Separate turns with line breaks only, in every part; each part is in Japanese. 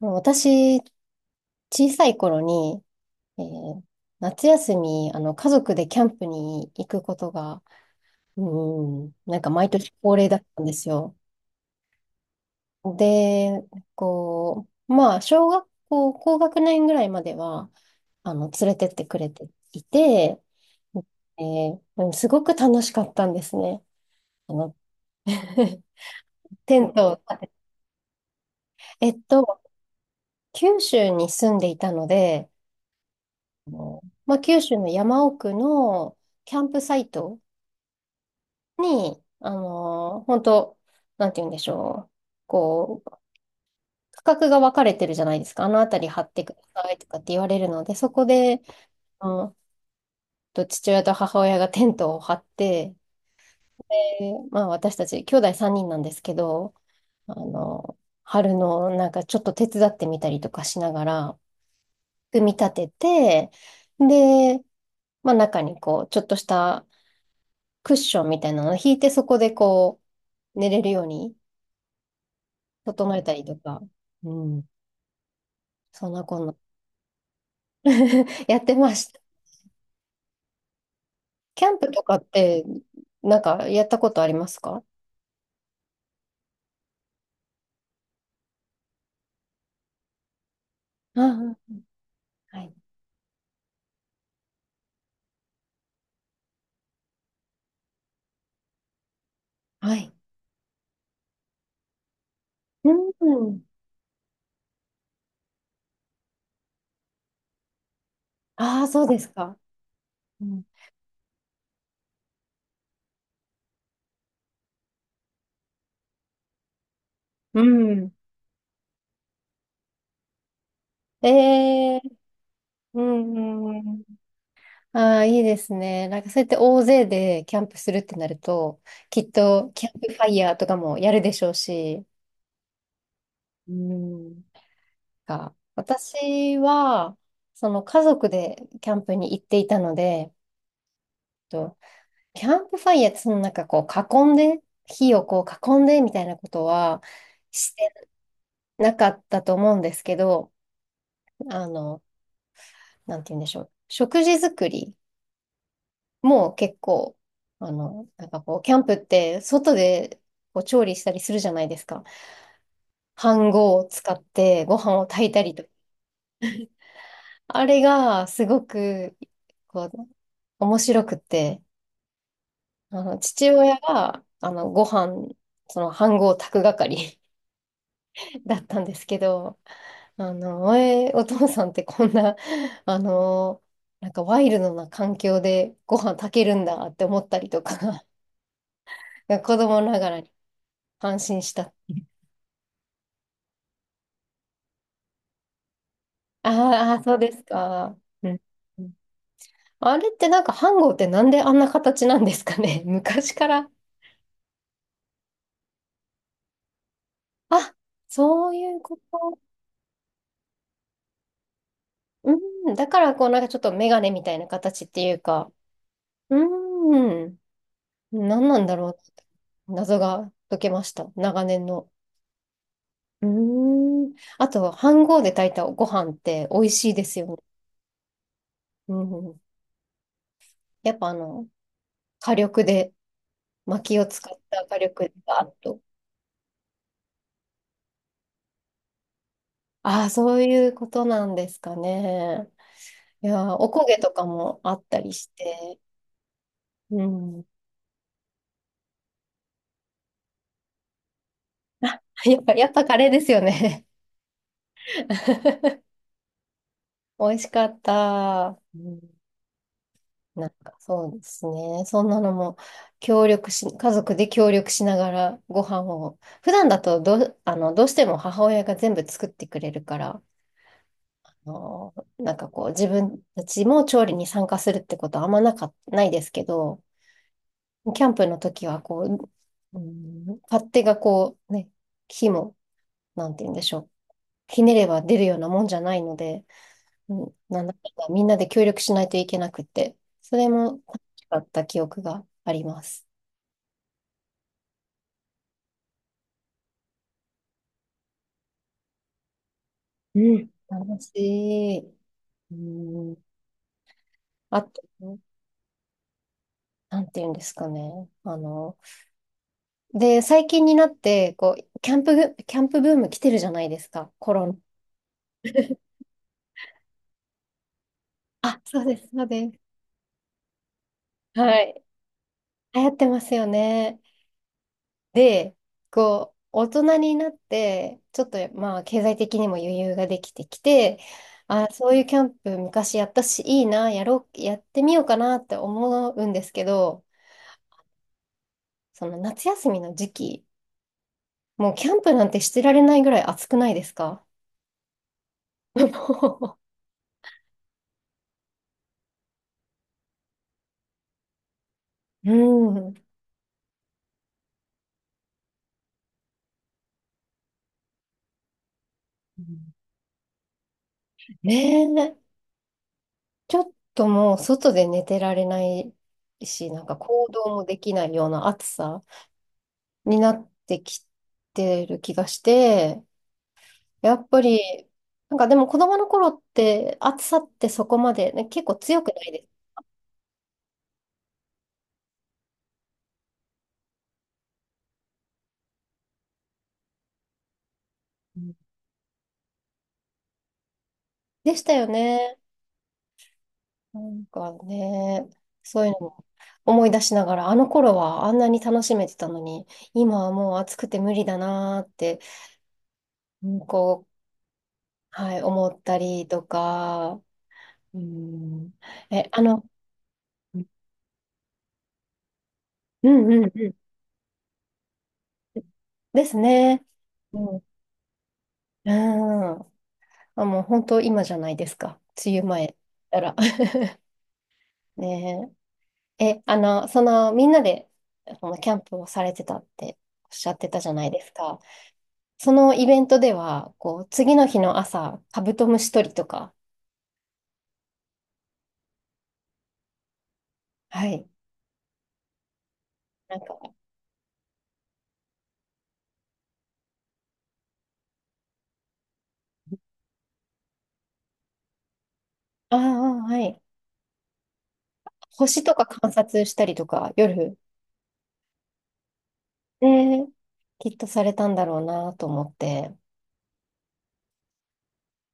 私、小さい頃に、えー夏休み、家族でキャンプに行くことが、うん、なんか毎年恒例だったんですよ。で、まあ、小学校、高学年ぐらいまでは、連れてってくれていて、すごく楽しかったんですね。あの テントを立てて、えっと、九州に住んでいたので、あのまあ、九州の山奥のキャンプサイトに、本当なんて言うんでしょう。こう、価格が分かれてるじゃないですか。あの辺り張ってくださいとかって言われるので、そこで、あの、と父親と母親がテントを張って、で、まあ私たち、兄弟3人なんですけど、あの、春のなんかちょっと手伝ってみたりとかしながら、組み立てて、で、まあ中にちょっとしたクッションみたいなのを引いて、そこで寝れるように整えたりとか、うん、そんなこんな やってました。キャンプとかって、なんかやったことありますか？ああ、はい。はい。うん。ああ、そうですか。うん。うんええうん、うんうん。ああ、いいですね。なんかそうやって大勢でキャンプするってなると、きっとキャンプファイヤーとかもやるでしょうし、うん。私は、その家族でキャンプに行っていたので、えっとキャンプファイヤー、そのなんかこう囲んで、火をこう囲んでみたいなことはしてなかったと思うんですけど、あの、なんて言うんでしょう。食事作りも結構、なんかキャンプって外でこう調理したりするじゃないですか。飯盒を使ってご飯を炊いたりと。あれがすごく、こう、面白くて、父親が、ご飯、飯盒炊く係 だったんですけど、前、お父さんってこんな、あの、なんかワイルドな環境でご飯炊けるんだって思ったりとか、子供ながらに感心した。あーあー、そうですか。うんうん。あれってなんか飯盒ってなんであんな形なんですかね 昔から。あ、そういうこと。うん、だからこうなんかちょっとメガネみたいな形っていうか、うーん。何なんだろう。謎が解けました。長年の。うーん。あと、飯盒で炊いたご飯って美味しいですよね。うん。やっぱ火力で、薪を使った火力でガーッと。ああ、そういうことなんですかね。いやー、おこげとかもあったりして。うん。あ、やっぱカレーですよね。美味しかった。うん。なんかそうですね。そんなのも協力し、家族で協力しながらご飯を、普段だとどうしても母親が全部作ってくれるから、あの、なんかこう自分たちも調理に参加するってことはあんまないですけど、キャンプの時はこう、勝手がこうね、火も、なんて言うんでしょう。ひねれば出るようなもんじゃないので、うん、なんだかんだみんなで協力しないといけなくて、それも楽しかった記憶があります。うん。楽しい。うん、あと、なんていうんですかね。で、最近になって、キャンプブーム来てるじゃないですか、コロナ。あ、そうです、そうです。はい。流行ってますよね。で、大人になって、ちょっとまあ、経済的にも余裕ができてきて、あ、そういうキャンプ昔やったし、いいな、やろう、やってみようかなって思うんですけど、その夏休みの時期、もうキャンプなんてしてられないぐらい暑くないですか？ もう、うん。ねえ、ちょっともう外で寝てられないし、なんか行動もできないような暑さになってきてる気がして、やっぱり、なんかでも子供の頃って暑さってそこまで、ね、結構強くないです？うん、でしたよね。なんかね、そういうのも思い出しながら、あの頃はあんなに楽しめてたのに、今はもう暑くて無理だなーって、うんはい、思ったりとか、うん、え、うんうんうん。ですね。うん。うん。あ、もう本当今じゃないですか。梅雨前だったら。ねえ。え、その、みんなで、その、キャンプをされてたっておっしゃってたじゃないですか。そのイベントでは、次の日の朝、カブトムシ取りとか、はい。なんか、ああ、はい。星とか観察したりとか、夜、ね、きっとされたんだろうなと思って。なん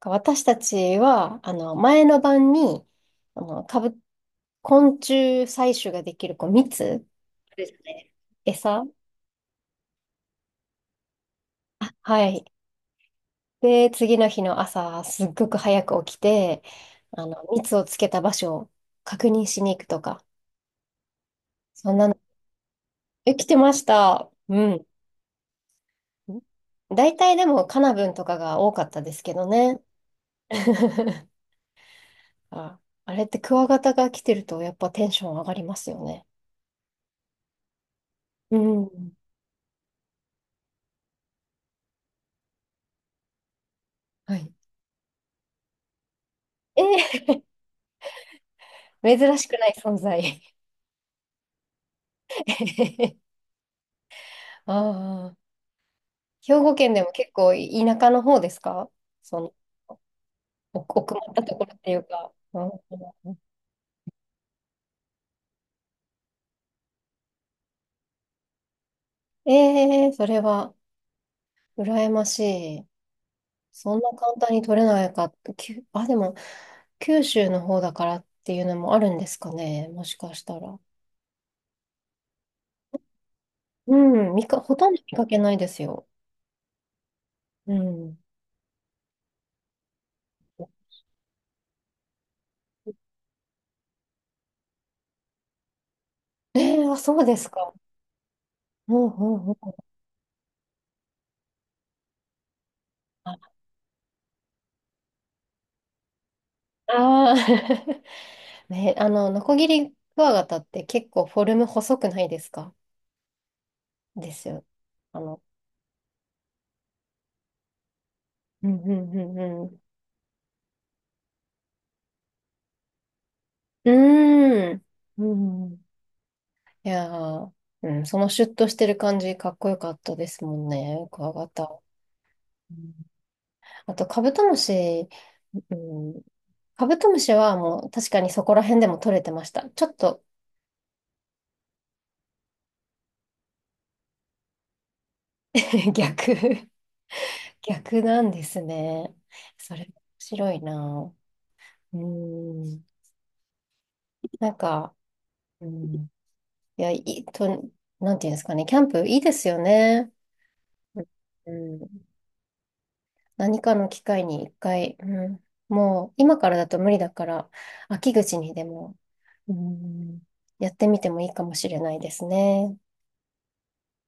か私たちは、前の晩に、あの、カブ、昆虫採取ができる、蜜、あるじゃないですか？餌、はい。で、次の日の朝、すっごく早く起きて、蜜をつけた場所を確認しに行くとか、そんなの、え、来てました。うん。大体でもカナブンとかが多かったですけどね。あ、あれってクワガタが来てるとやっぱテンション上がりますよね。うん。はい。えー 珍しくない存在 ああ、兵庫県でも結構田舎の方ですか？その。奥奥まったところっていうか。うんええ、それは羨ましい。そんな簡単に取れないか。あ、でも、九州の方だからっていうのもあるんですかね。もしかしたら。うん、ほとんど見かけないですよ。うん。ええあ、そうですか。うんうんうん。ああー、ね、ノコギリクワガタって結構フォルム細くないですか？ですよ。あの、うんうんうんうんうーん。うん。いやー、うん、そのシュッとしてる感じ、かっこよかったですもんね。クワガタ。うん。あと、カブトムシ、うん、カブトムシはもう確かにそこら辺でも取れてました。ちょっと 逆、逆なんですね。それ面白いな。うん。なんか、うん、いや、いいと、なんていうんですかね、キャンプいいですよね。うん。何かの機会に一回、もう今からだと無理だから、秋口にでも、うん、やってみてもいいかもしれないですね。